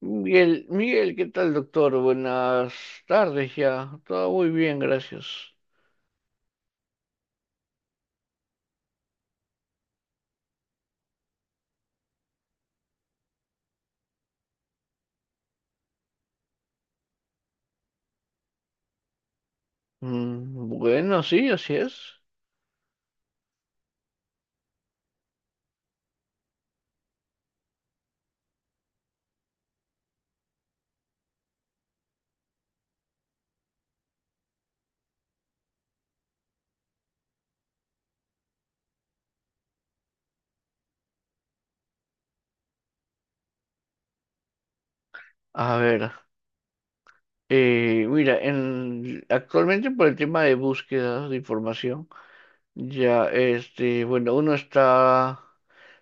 Miguel, Miguel, ¿qué tal, doctor? Buenas tardes ya. Todo muy bien, gracias. Mm, bueno, sí, así es. A ver, mira, actualmente por el tema de búsqueda de información, ya, este, bueno, uno está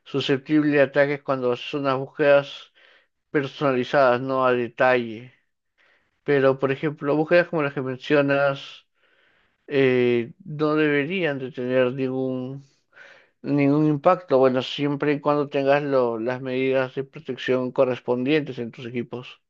susceptible a ataques cuando son unas búsquedas personalizadas, no a detalle. Pero, por ejemplo, búsquedas como las que mencionas, no deberían de tener ningún impacto, bueno, siempre y cuando tengas las medidas de protección correspondientes en tus equipos.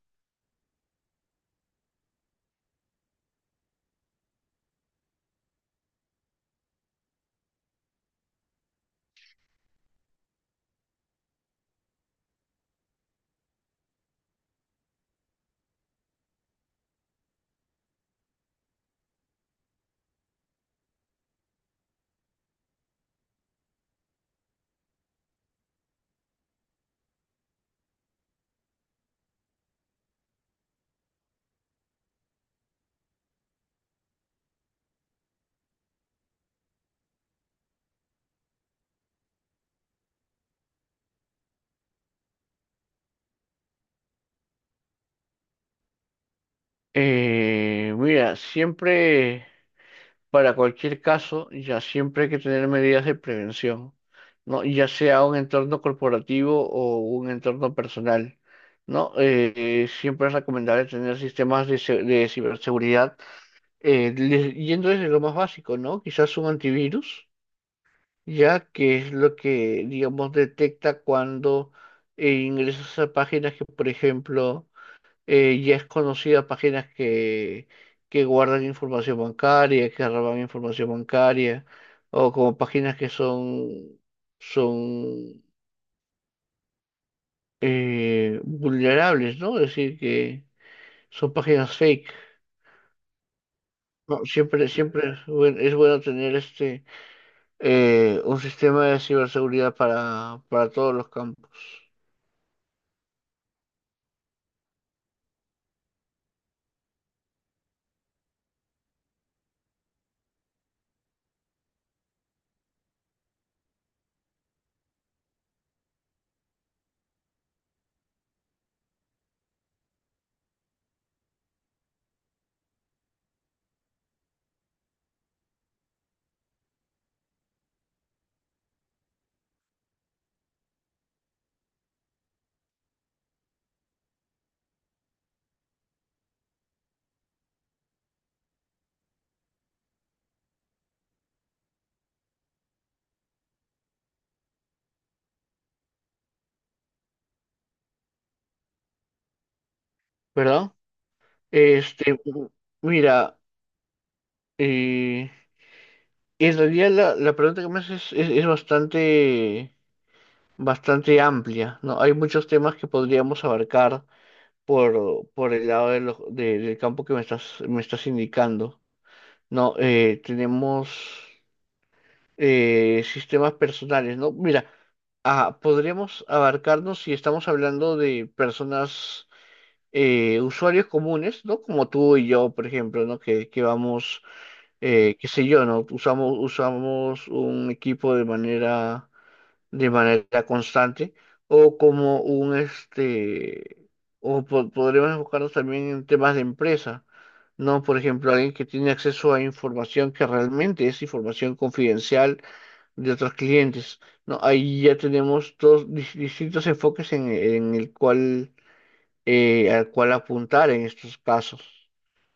Mira, siempre, para cualquier caso, ya siempre hay que tener medidas de prevención, ¿no? Ya sea un entorno corporativo o un entorno personal, ¿no? Siempre es recomendable tener sistemas de ciberseguridad, yendo desde lo más básico, ¿no? Quizás un antivirus ya que es lo que, digamos, detecta cuando ingresas a páginas que, por ejemplo, ya es conocida, páginas que guardan información bancaria, que roban información bancaria, o como páginas que son vulnerables, ¿no? Es decir, que son páginas fake. No, siempre, siempre es bueno tener un sistema de ciberseguridad para todos los campos, ¿verdad? Este, Mira, eh, en realidad la pregunta que me haces es bastante, bastante amplia, ¿no? Hay muchos temas que podríamos abarcar por el lado del campo que me estás indicando, ¿no? Tenemos sistemas personales, ¿no? Mira, podríamos abarcarnos si estamos hablando de personas, usuarios comunes, ¿no? Como tú y yo, por ejemplo, ¿no? Que vamos qué sé yo, ¿no? Usamos un equipo de manera constante o como un, podríamos enfocarnos también en temas de empresa, ¿no? Por ejemplo, alguien que tiene acceso a información que realmente es información confidencial de otros clientes, ¿no? Ahí ya tenemos dos distintos enfoques en el cual, al cual apuntar en estos casos,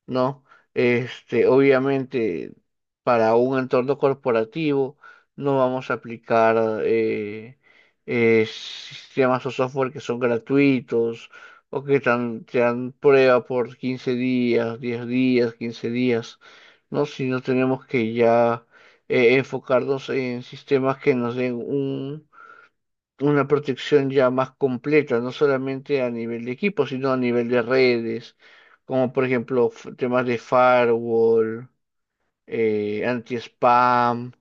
¿no? Obviamente, para un entorno corporativo no vamos a aplicar eh, sistemas o software que son gratuitos o que te dan prueba por 15 días, 10 días, 15 días, ¿no? Sino tenemos que ya enfocarnos en sistemas que nos den una protección ya más completa, no solamente a nivel de equipo, sino a nivel de redes, como por ejemplo temas de firewall, anti-spam,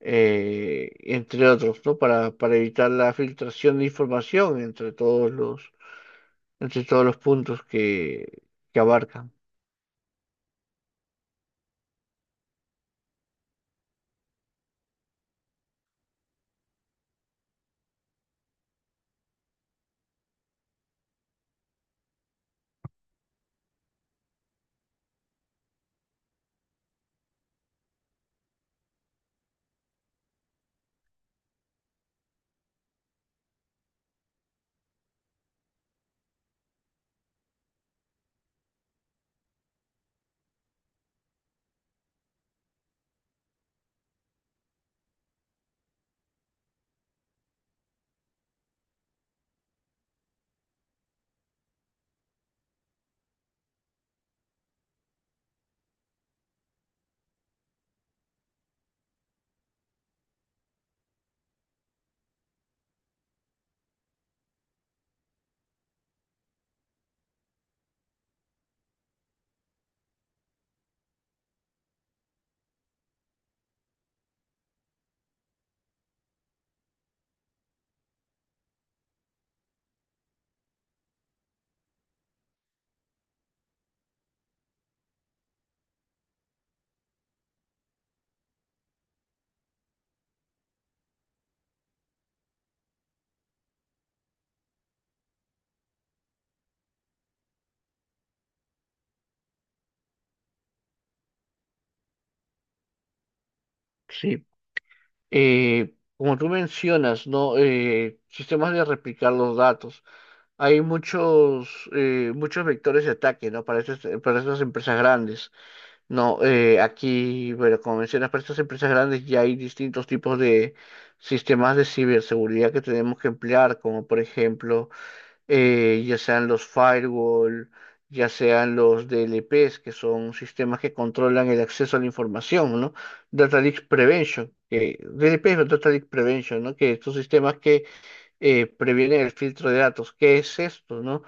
entre otros, ¿no? Para evitar la filtración de información entre todos los puntos que abarcan. Sí. Como tú mencionas, ¿no? Sistemas de replicar los datos. Hay muchos vectores de ataque, ¿no? Para estas empresas grandes, ¿no? Aquí, bueno, como mencionas, para estas empresas grandes ya hay distintos tipos de sistemas de ciberseguridad que tenemos que emplear, como por ejemplo, ya sean los firewall, ya sean los DLPs, que son sistemas que controlan el acceso a la información, ¿no? Data Leak Prevention, que DLP es Data Leak Prevention, ¿no? Que estos sistemas que previenen el filtro de datos. ¿Qué es esto, no?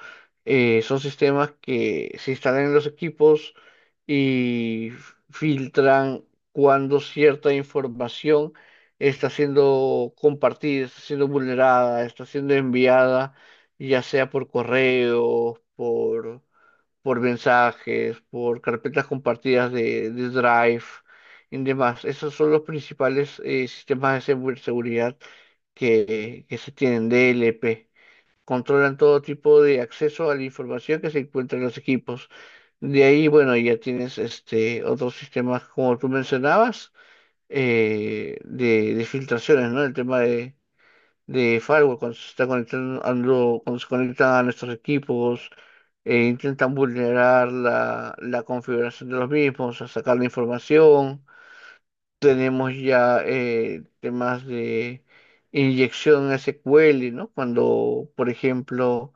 Son sistemas que se instalan en los equipos y filtran cuando cierta información está siendo compartida, está siendo vulnerada, está siendo enviada, ya sea por correo, por mensajes, por carpetas compartidas de Drive y demás. Esos son los principales sistemas de seguridad que se tienen, DLP. Controlan todo tipo de acceso a la información que se encuentra en los equipos. De ahí, bueno, ya tienes otros sistemas, como tú mencionabas, de filtraciones, ¿no? El tema de firewall, cuando se está conectando, cuando se conectan a nuestros equipos, intentan vulnerar la configuración de los mismos, a sacar la información. Tenemos ya temas de inyección SQL, ¿no? Cuando, por ejemplo,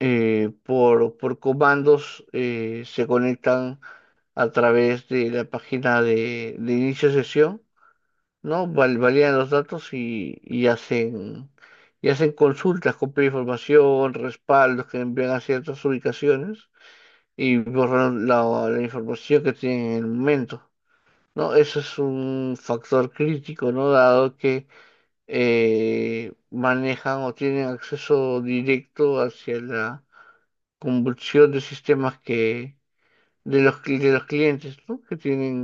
por comandos se conectan a través de la página de inicio de sesión, ¿no? Validan los datos y hacen consultas, copian información, respaldos que envían a ciertas ubicaciones y borran la información que tienen en el momento. No, eso es un factor crítico, ¿no? Dado que manejan o tienen acceso directo hacia la convulsión de sistemas que de los clientes, ¿no? Que tienen,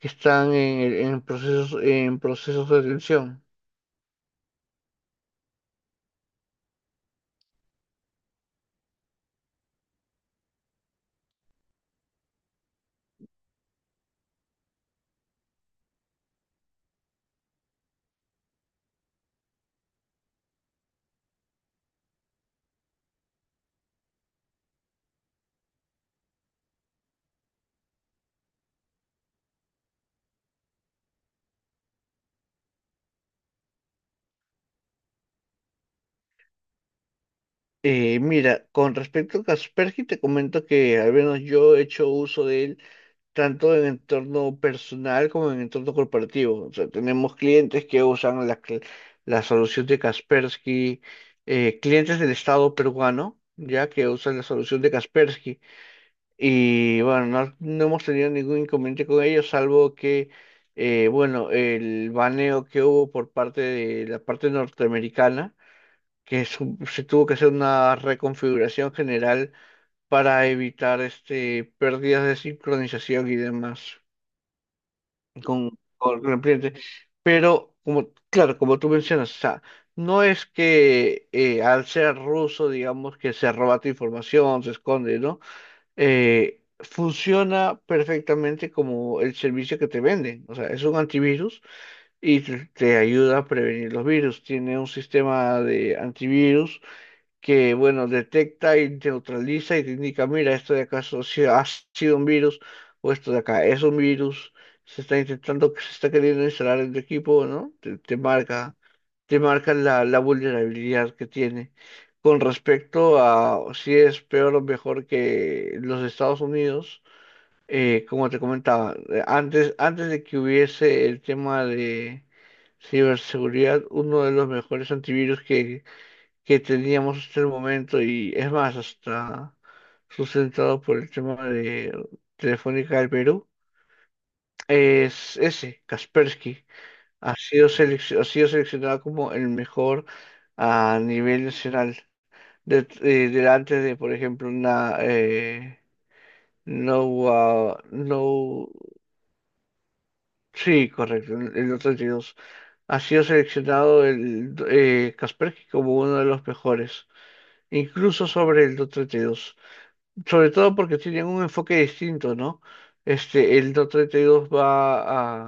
que están en procesos de atención. Mira, con respecto a Kaspersky, te comento que al menos yo he hecho uso de él tanto en entorno personal como en entorno corporativo. O sea, tenemos clientes que usan la solución de Kaspersky, clientes del Estado peruano, ya que usan la solución de Kaspersky. Y bueno, no, no hemos tenido ningún inconveniente con ellos, salvo que, bueno, el baneo que hubo por parte de la parte norteamericana, que se tuvo que hacer una reconfiguración general para evitar pérdidas de sincronización y demás con el cliente. Pero, como, claro, como tú mencionas, o sea, no es que al ser ruso, digamos, que se roba tu información, se esconde, ¿no? Funciona perfectamente como el servicio que te venden. O sea, es un antivirus y te ayuda a prevenir los virus. Tiene un sistema de antivirus que, bueno, detecta y neutraliza y te indica, mira, esto de acá si ha sido un virus o esto de acá es un virus, se está intentando, se está queriendo instalar en tu equipo, ¿no? Te marca la vulnerabilidad que tiene. Con respecto a si es peor o mejor que los Estados Unidos, como te comentaba, antes de que hubiese el tema de ciberseguridad, uno de los mejores antivirus que teníamos hasta el momento, y es más, hasta sustentado por el tema de Telefónica del Perú, es ese, Kaspersky. Ha sido seleccionado como el mejor a nivel nacional, delante de, por ejemplo, una, no, no, sí, correcto, el otro 32. Ha sido seleccionado el Kaspersky como uno de los mejores, incluso sobre el do 32. Sobre todo porque tienen un enfoque distinto, ¿no? El DOT 32 va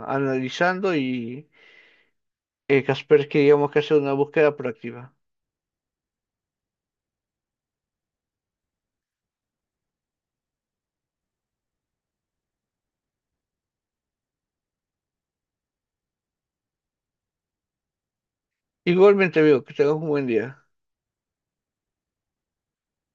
analizando y Kaspersky digamos que hace una búsqueda proactiva. Igualmente, veo que tengas un buen día.